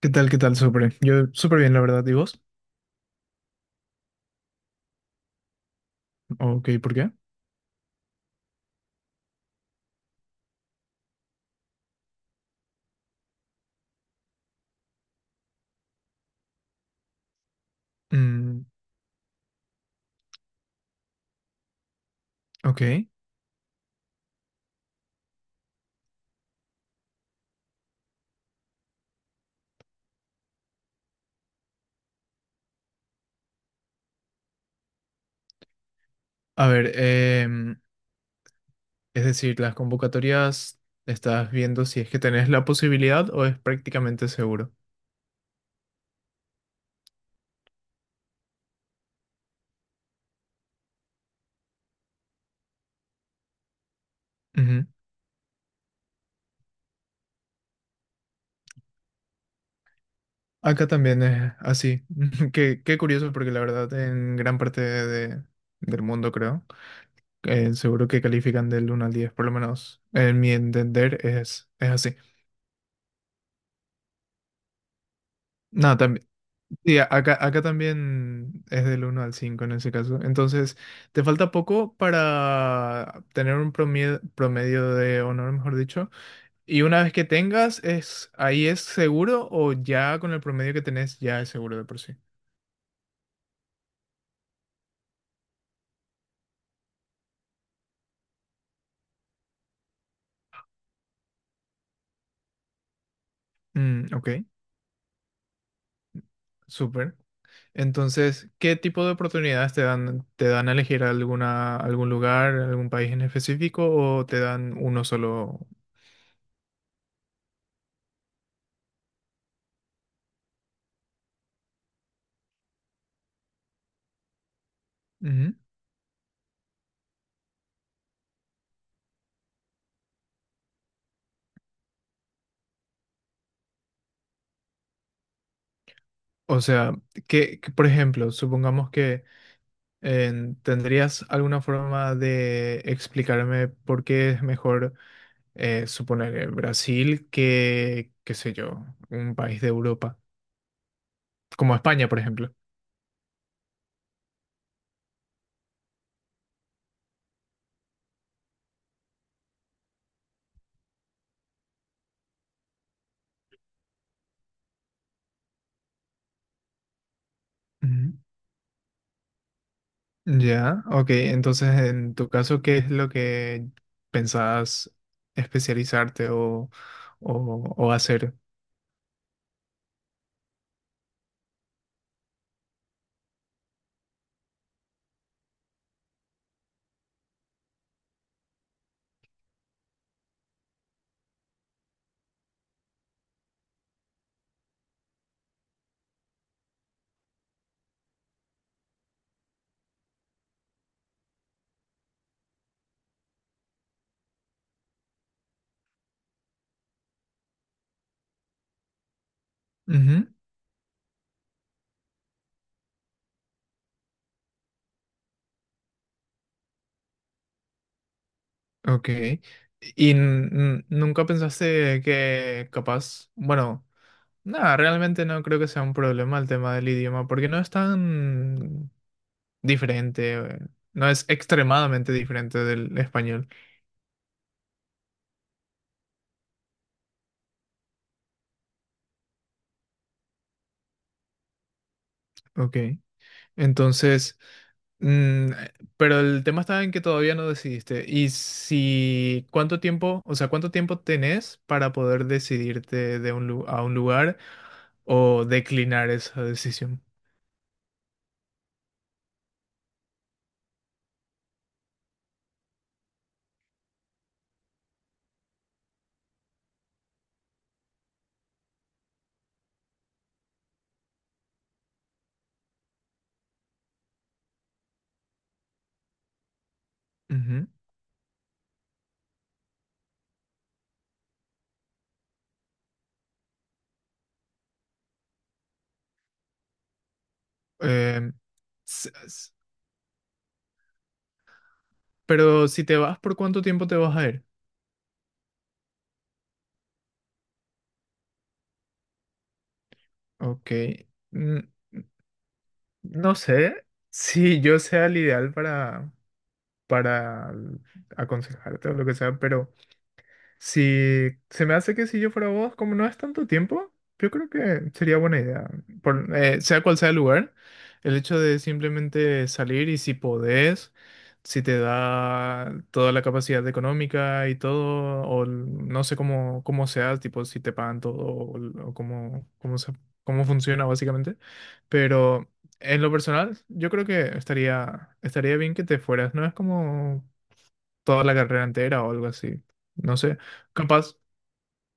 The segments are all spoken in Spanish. ¿Qué tal? ¿Qué tal? Súper. Yo súper bien, la verdad. ¿Y vos? Ok, ¿por qué? Mm, ok. A ver, es decir, las convocatorias estás viendo si es que tenés la posibilidad o es prácticamente seguro. Ujú. Acá también es así. Qué curioso, porque la verdad en gran parte de- del mundo, creo, seguro que califican del 1 al 10, por lo menos en mi entender es así. Nada, sí, acá también es del 1 al 5 en ese caso. Entonces, te falta poco para tener un promedio, promedio de honor, mejor dicho. Y una vez que tengas, ¿ahí es seguro o ya con el promedio que tenés ya es seguro de por sí? Mm, ok, súper. Entonces, ¿qué tipo de oportunidades te dan? ¿Te dan a elegir alguna, algún lugar, algún país en específico o te dan uno solo? Ujú. O sea, que, por ejemplo, supongamos ¿tendrías alguna forma de explicarme por qué es mejor suponer Brasil que, qué sé yo, un país de Europa, como España, por ejemplo? Ujú. Ya, ok. Entonces, en tu caso, ¿qué es lo que pensabas especializarte o hacer? Ujú. Ok. ¿Y nunca pensaste que capaz, bueno... No, realmente no creo que sea un problema el tema del idioma, porque no es tan diferente, no es extremadamente diferente del español. Ok. Entonces, mm, pero el tema está en que todavía no decidiste. Y si, ¿cuánto tiempo, o sea, cuánto tiempo tenés para poder decidirte de a un lugar o declinar esa decisión? Ujú. Em, s- s- pero si te vas, ¿por cuánto tiempo te vas a ir? Ok. mm, No sé si yo sea el ideal para, para aconsejarte o lo que sea, pero... Si se me hace que si yo fuera vos, como no es tanto tiempo, yo creo que sería buena idea. Por, sea cual sea el lugar, el hecho de simplemente salir y si podés, si te da toda la capacidad económica y todo, no sé cómo, cómo, sea, tipo si te pagan todo o, l- o cómo... cómo, se- cómo funciona básicamente. Pero en lo personal, yo creo que estaría, estaría bien que te fueras. No es como toda la carrera entera o algo así. No sé, capaz,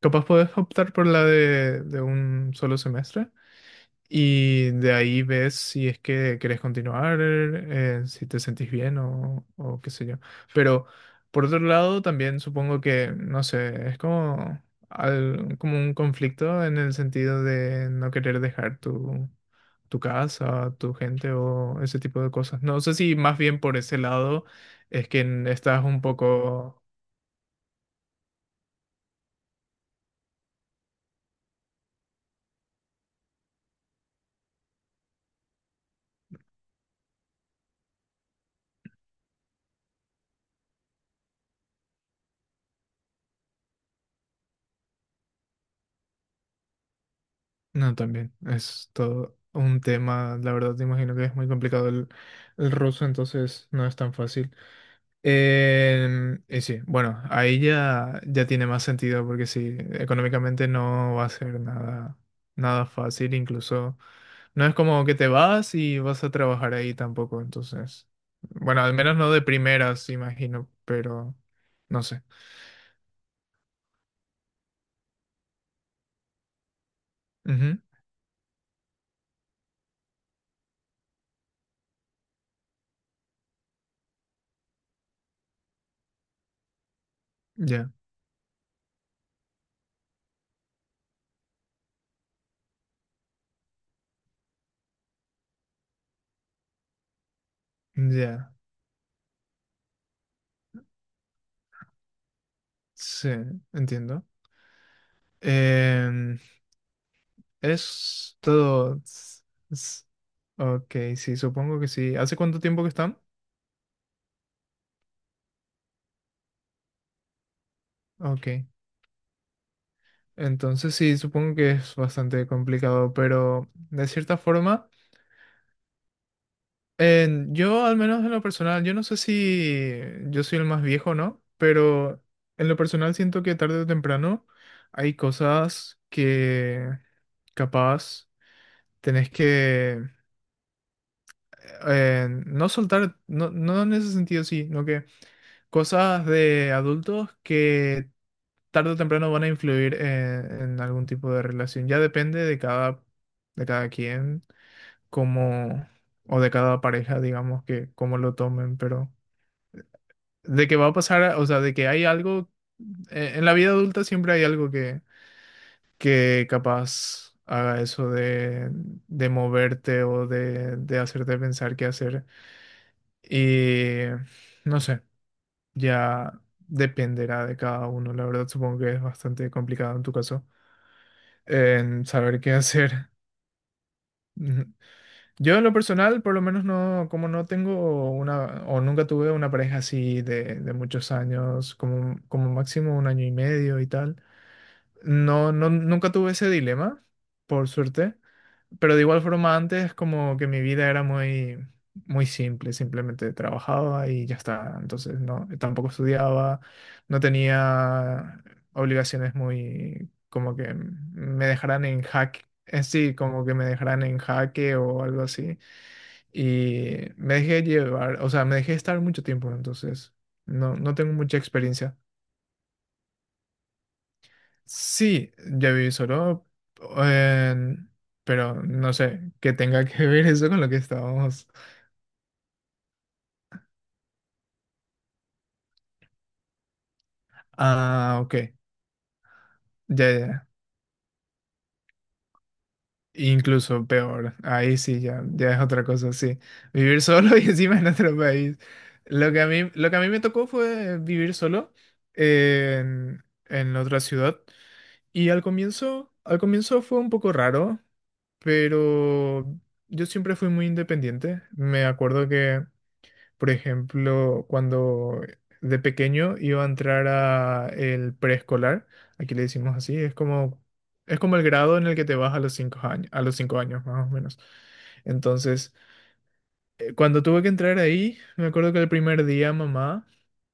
capaz puedes optar por la de un solo semestre y de ahí ves si es que querés continuar, si te sentís bien o qué sé yo. Pero por otro lado, también supongo que, no sé, es como, al- como un conflicto en el sentido de no querer dejar tu... tu casa, tu gente o ese tipo de cosas. No sé si más bien por ese lado es que estás un poco No, también. Es todo un tema, la verdad, te imagino que es muy complicado el ruso, entonces no es tan fácil. Em, y sí, bueno, ahí ya, ya tiene más sentido, porque sí, económicamente no va a ser nada, nada fácil, incluso no es como que te vas y vas a trabajar ahí tampoco, entonces, bueno, al menos no de primeras, imagino, pero no sé. Ujú, Ya, ya, sí, entiendo. Em, Es todo. S- s- Ok, sí, supongo que sí. ¿Hace cuánto tiempo que están? Ok. Entonces sí, supongo que es bastante complicado, pero de cierta forma, en- yo al menos en lo personal, yo no sé si yo soy el más viejo, ¿no? Pero en lo personal siento que tarde o temprano hay cosas que capaz tenés que no soltar, no, no en ese sentido, sí, no que... Cosas de adultos que tarde o temprano van a influir en algún tipo de relación. Ya depende de cada quien, como, o de cada pareja, digamos, que cómo lo tomen, pero de que va a pasar, o sea, de que hay algo, en la vida adulta siempre hay algo que capaz haga eso de moverte o de hacerte pensar qué hacer. Y no sé. Ya dependerá de cada uno. La verdad, supongo que es bastante complicado en tu caso en saber qué hacer. Ujú. Yo en lo personal, por lo menos no, como no tengo una, o nunca tuve una pareja así de muchos años, como, como máximo 1 año y medio y tal, no, no, nunca tuve ese dilema, por suerte. Pero de igual forma antes como que mi vida era muy, muy simple, simplemente trabajaba y ya está. Entonces no, tampoco estudiaba, no tenía obligaciones muy como que me dejaran en jaque, en sí, como que me dejaran en jaque o algo así. Y me dejé llevar, o sea, me dejé estar mucho tiempo, entonces no, no tengo mucha experiencia. Sí, ya viví solo, en- pero no sé, qué tenga que ver eso con lo que estábamos. Ah, ok. Ya, ya. ya. Incluso peor. Ahí sí, ya, ya es otra cosa, sí. Vivir solo y encima en otro país. Lo que a mí, lo que a mí me tocó fue vivir solo en otra ciudad. Y al comienzo fue un poco raro, pero yo siempre fui muy independiente. Me acuerdo que Por ejemplo, cuando de pequeño iba a entrar a el preescolar, aquí le decimos así, es como el grado en el que te vas a los 5 años, a los 5 años más o menos. Entonces, cuando tuve que entrar ahí, me acuerdo que el primer día mamá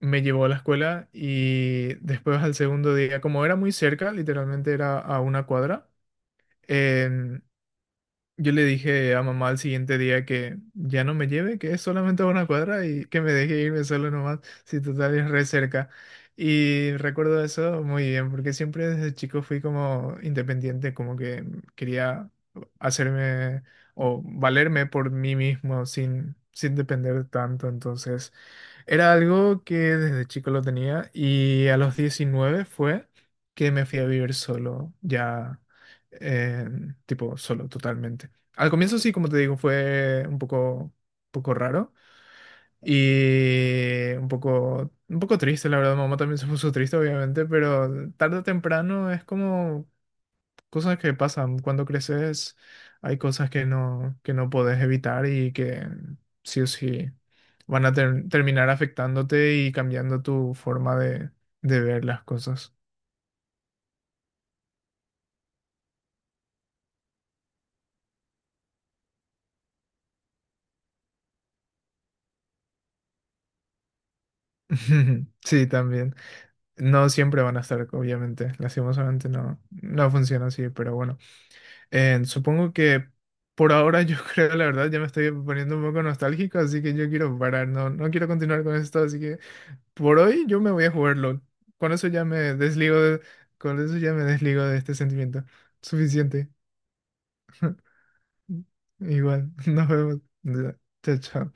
me llevó a la escuela y después al segundo día, como era muy cerca, literalmente era a una cuadra, em, yo le dije a mamá al siguiente día que ya no me lleve, que es solamente a una cuadra y que me deje irme solo nomás, si total es re cerca. Y recuerdo eso muy bien, porque siempre desde chico fui como independiente, como que quería hacerme o valerme por mí mismo sin, sin depender tanto. Entonces era algo que desde chico lo tenía y a los 19 fue que me fui a vivir solo, ya eh, tipo solo totalmente. Al comienzo sí, como te digo, fue un poco raro y un poco triste, la verdad. Mamá también se puso triste, obviamente, pero tarde o temprano es como cosas que pasan. Cuando creces hay cosas que no podés evitar y que sí o sí van a ter- terminar afectándote y cambiando tu forma de ver las cosas. Sí, también. No siempre van a estar, obviamente. Lastimosamente no, no funciona así, pero bueno. Supongo que por ahora yo creo, la verdad, ya me estoy poniendo un poco nostálgico, así que yo quiero parar, no, no quiero continuar con esto, así que por hoy yo me voy a jugar LOL. Con eso ya me desligo de, con eso ya me desligo de este sentimiento. Suficiente. Igual, nos vemos. Chao, chao.